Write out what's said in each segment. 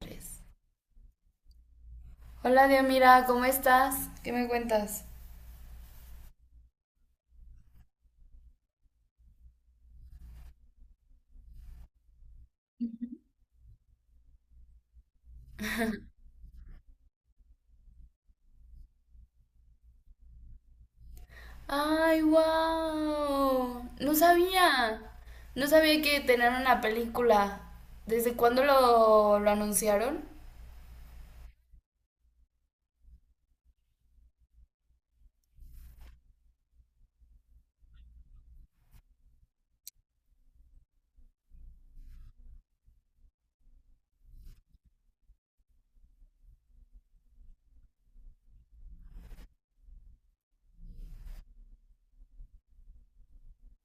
Tres. Hola, Diomira, ¿cómo estás? ¿Qué me cuentas? ¡Ay, wow! No sabía. No sabía que tenían una película. ¿Desde cuándo lo anunciaron?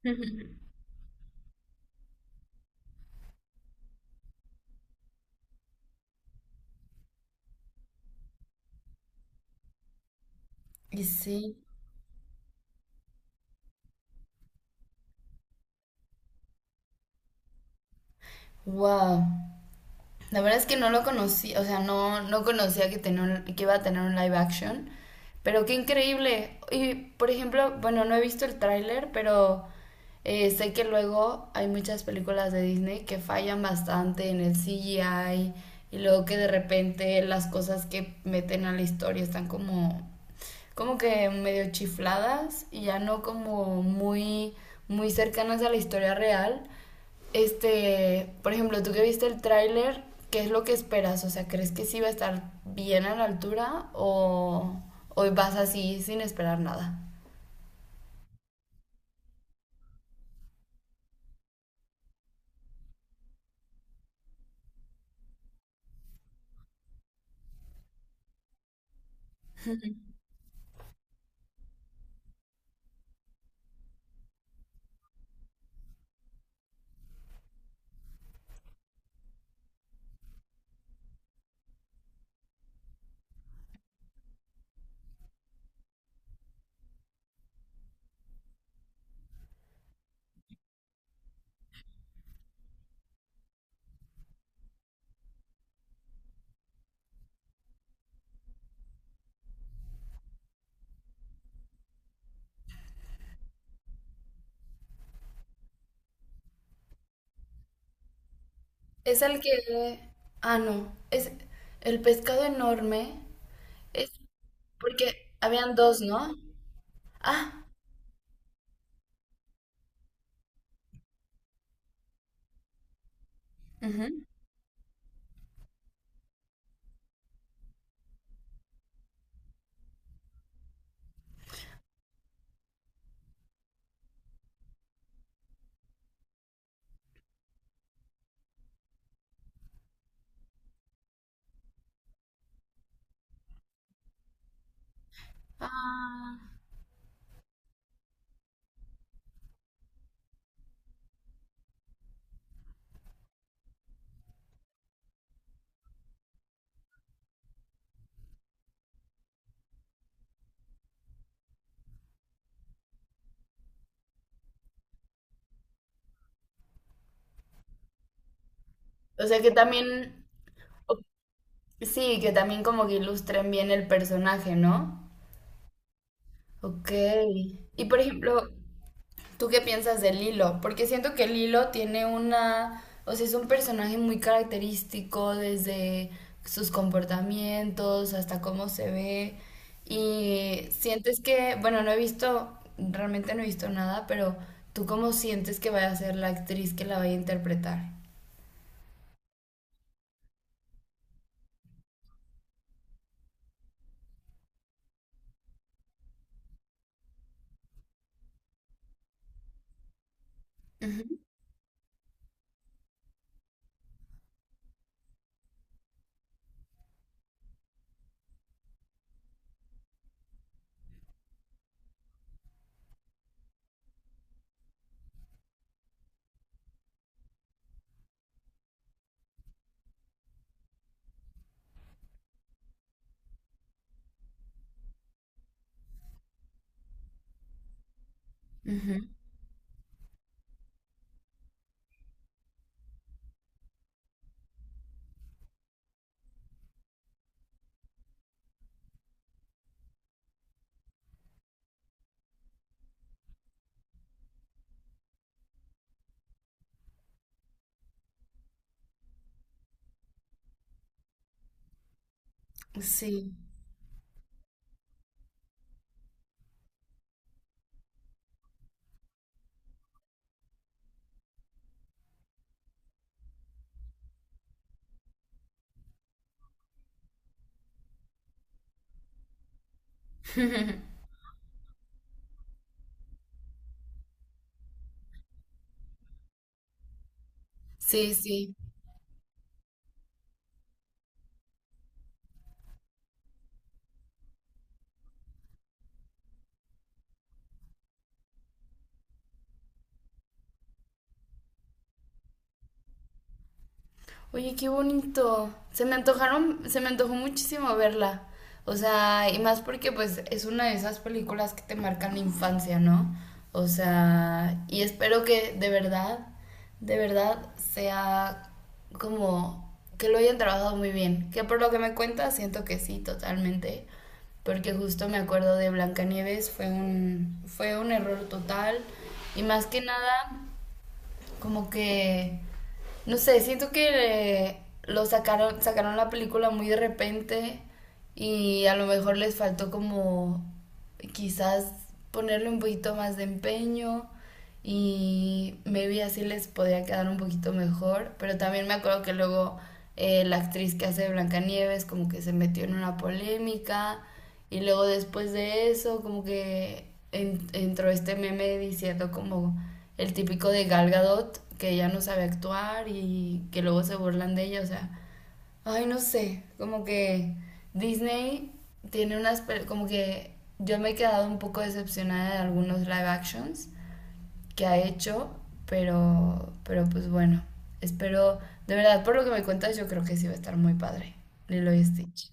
Y sí. ¡Wow! La verdad es que no lo conocí, o sea, no, no conocía que, tenía un- que iba a tener un live action, pero qué increíble. Y, por ejemplo, bueno, no he visto el tráiler, pero sé que luego hay muchas películas de Disney que fallan bastante en el CGI y luego que de repente las cosas que meten a la historia están como, como que medio chifladas y ya no como muy, muy cercanas a la historia real. Este, por ejemplo, tú que viste el tráiler, ¿qué es lo que esperas? O sea, ¿crees que sí va a estar bien a la altura o vas así sin esperar nada? Es el que... Ah, no. Es el pescado enorme. Es porque habían dos, ¿no? Ah. Ujú. Ah. O sea que también... o- Sí, que también como que ilustren bien el personaje, ¿no? Ok. Y por ejemplo, ¿tú qué piensas de Lilo? Porque siento que Lilo tiene una, o sea, es un personaje muy característico desde sus comportamientos hasta cómo se ve. Y sientes que, bueno, no he visto, realmente no he visto nada, pero ¿tú cómo sientes que vaya a ser la actriz que la vaya a interpretar? Ujú, ujú. Sí, sí, sí. Oye, qué bonito. Se me antojaron, se me antojó muchísimo verla. O sea, y más porque pues es una de esas películas que te marcan la infancia, ¿no? O sea, y espero que de verdad sea como que lo hayan trabajado muy bien. Que por lo que me cuentas, siento que sí, totalmente. Porque justo me acuerdo de Blancanieves, fue un error total. Y más que nada, como que, no sé, siento que lo sacaron, sacaron la película muy de repente y a lo mejor les faltó como quizás ponerle un poquito más de empeño y maybe así les podría quedar un poquito mejor, pero también me acuerdo que luego la actriz que hace de Blancanieves como que se metió en una polémica y luego después de eso, como que en- entró este meme diciendo como el típico de Gal Gadot, que ella no sabe actuar y que luego se burlan de ella, o sea, ay, no sé, como que Disney tiene unas, pel- como que yo me he quedado un poco decepcionada de algunos live actions que ha hecho, pero pues bueno, espero, de verdad, por lo que me cuentas, yo creo que sí va a estar muy padre, Lilo y Stitch.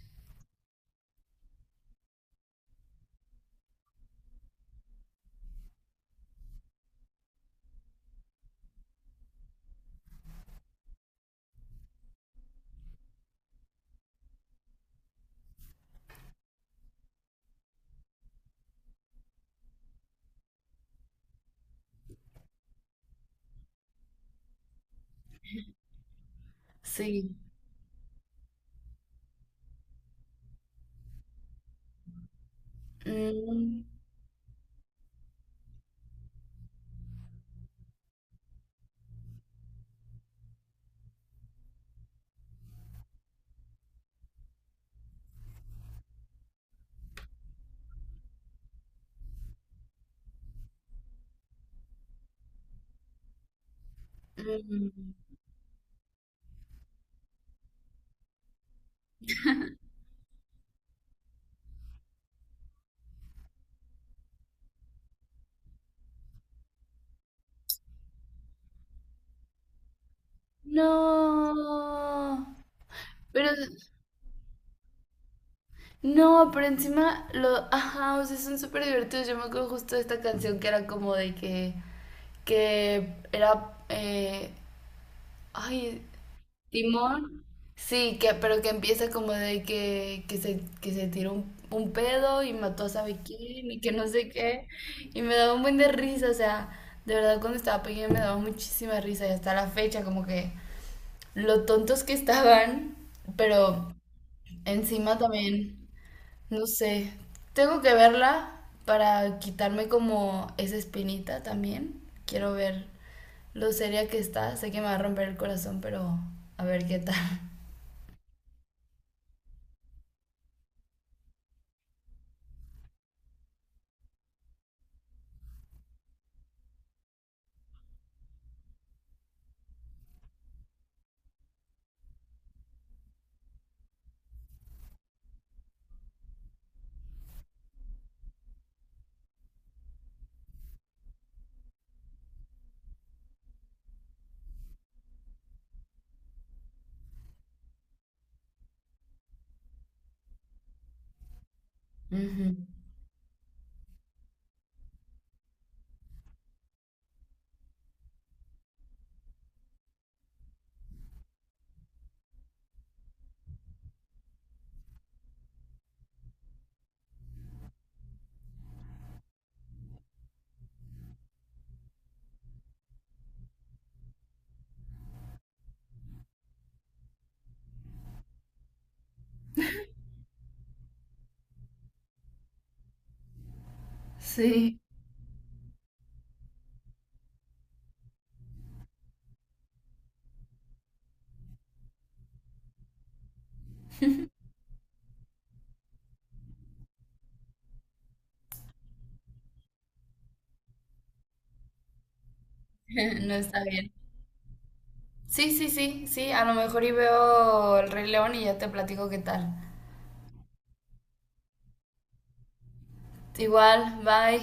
Sí. Mm. Mm. No, pero no, pero encima los ajá, o sea, son súper divertidos. Yo me acuerdo justo de esta canción que era como de que era, ay, Timón, sí, que, pero que empieza como de que se tiró un pedo y mató a sabe quién y que no sé qué, y me daba un buen de risa, o sea, de verdad cuando estaba pequeña me daba muchísima risa y hasta la fecha como que. Lo tontos que estaban, pero encima también, no sé, tengo que verla para quitarme como esa espinita también. Quiero ver lo seria que está, sé que me va a romper el corazón, pero a ver qué tal. Ujú. Sí, no está bien. Sí, sí, sí, sí, a lo mejor y veo el Rey León y ya te platico qué tal. Igual, bye.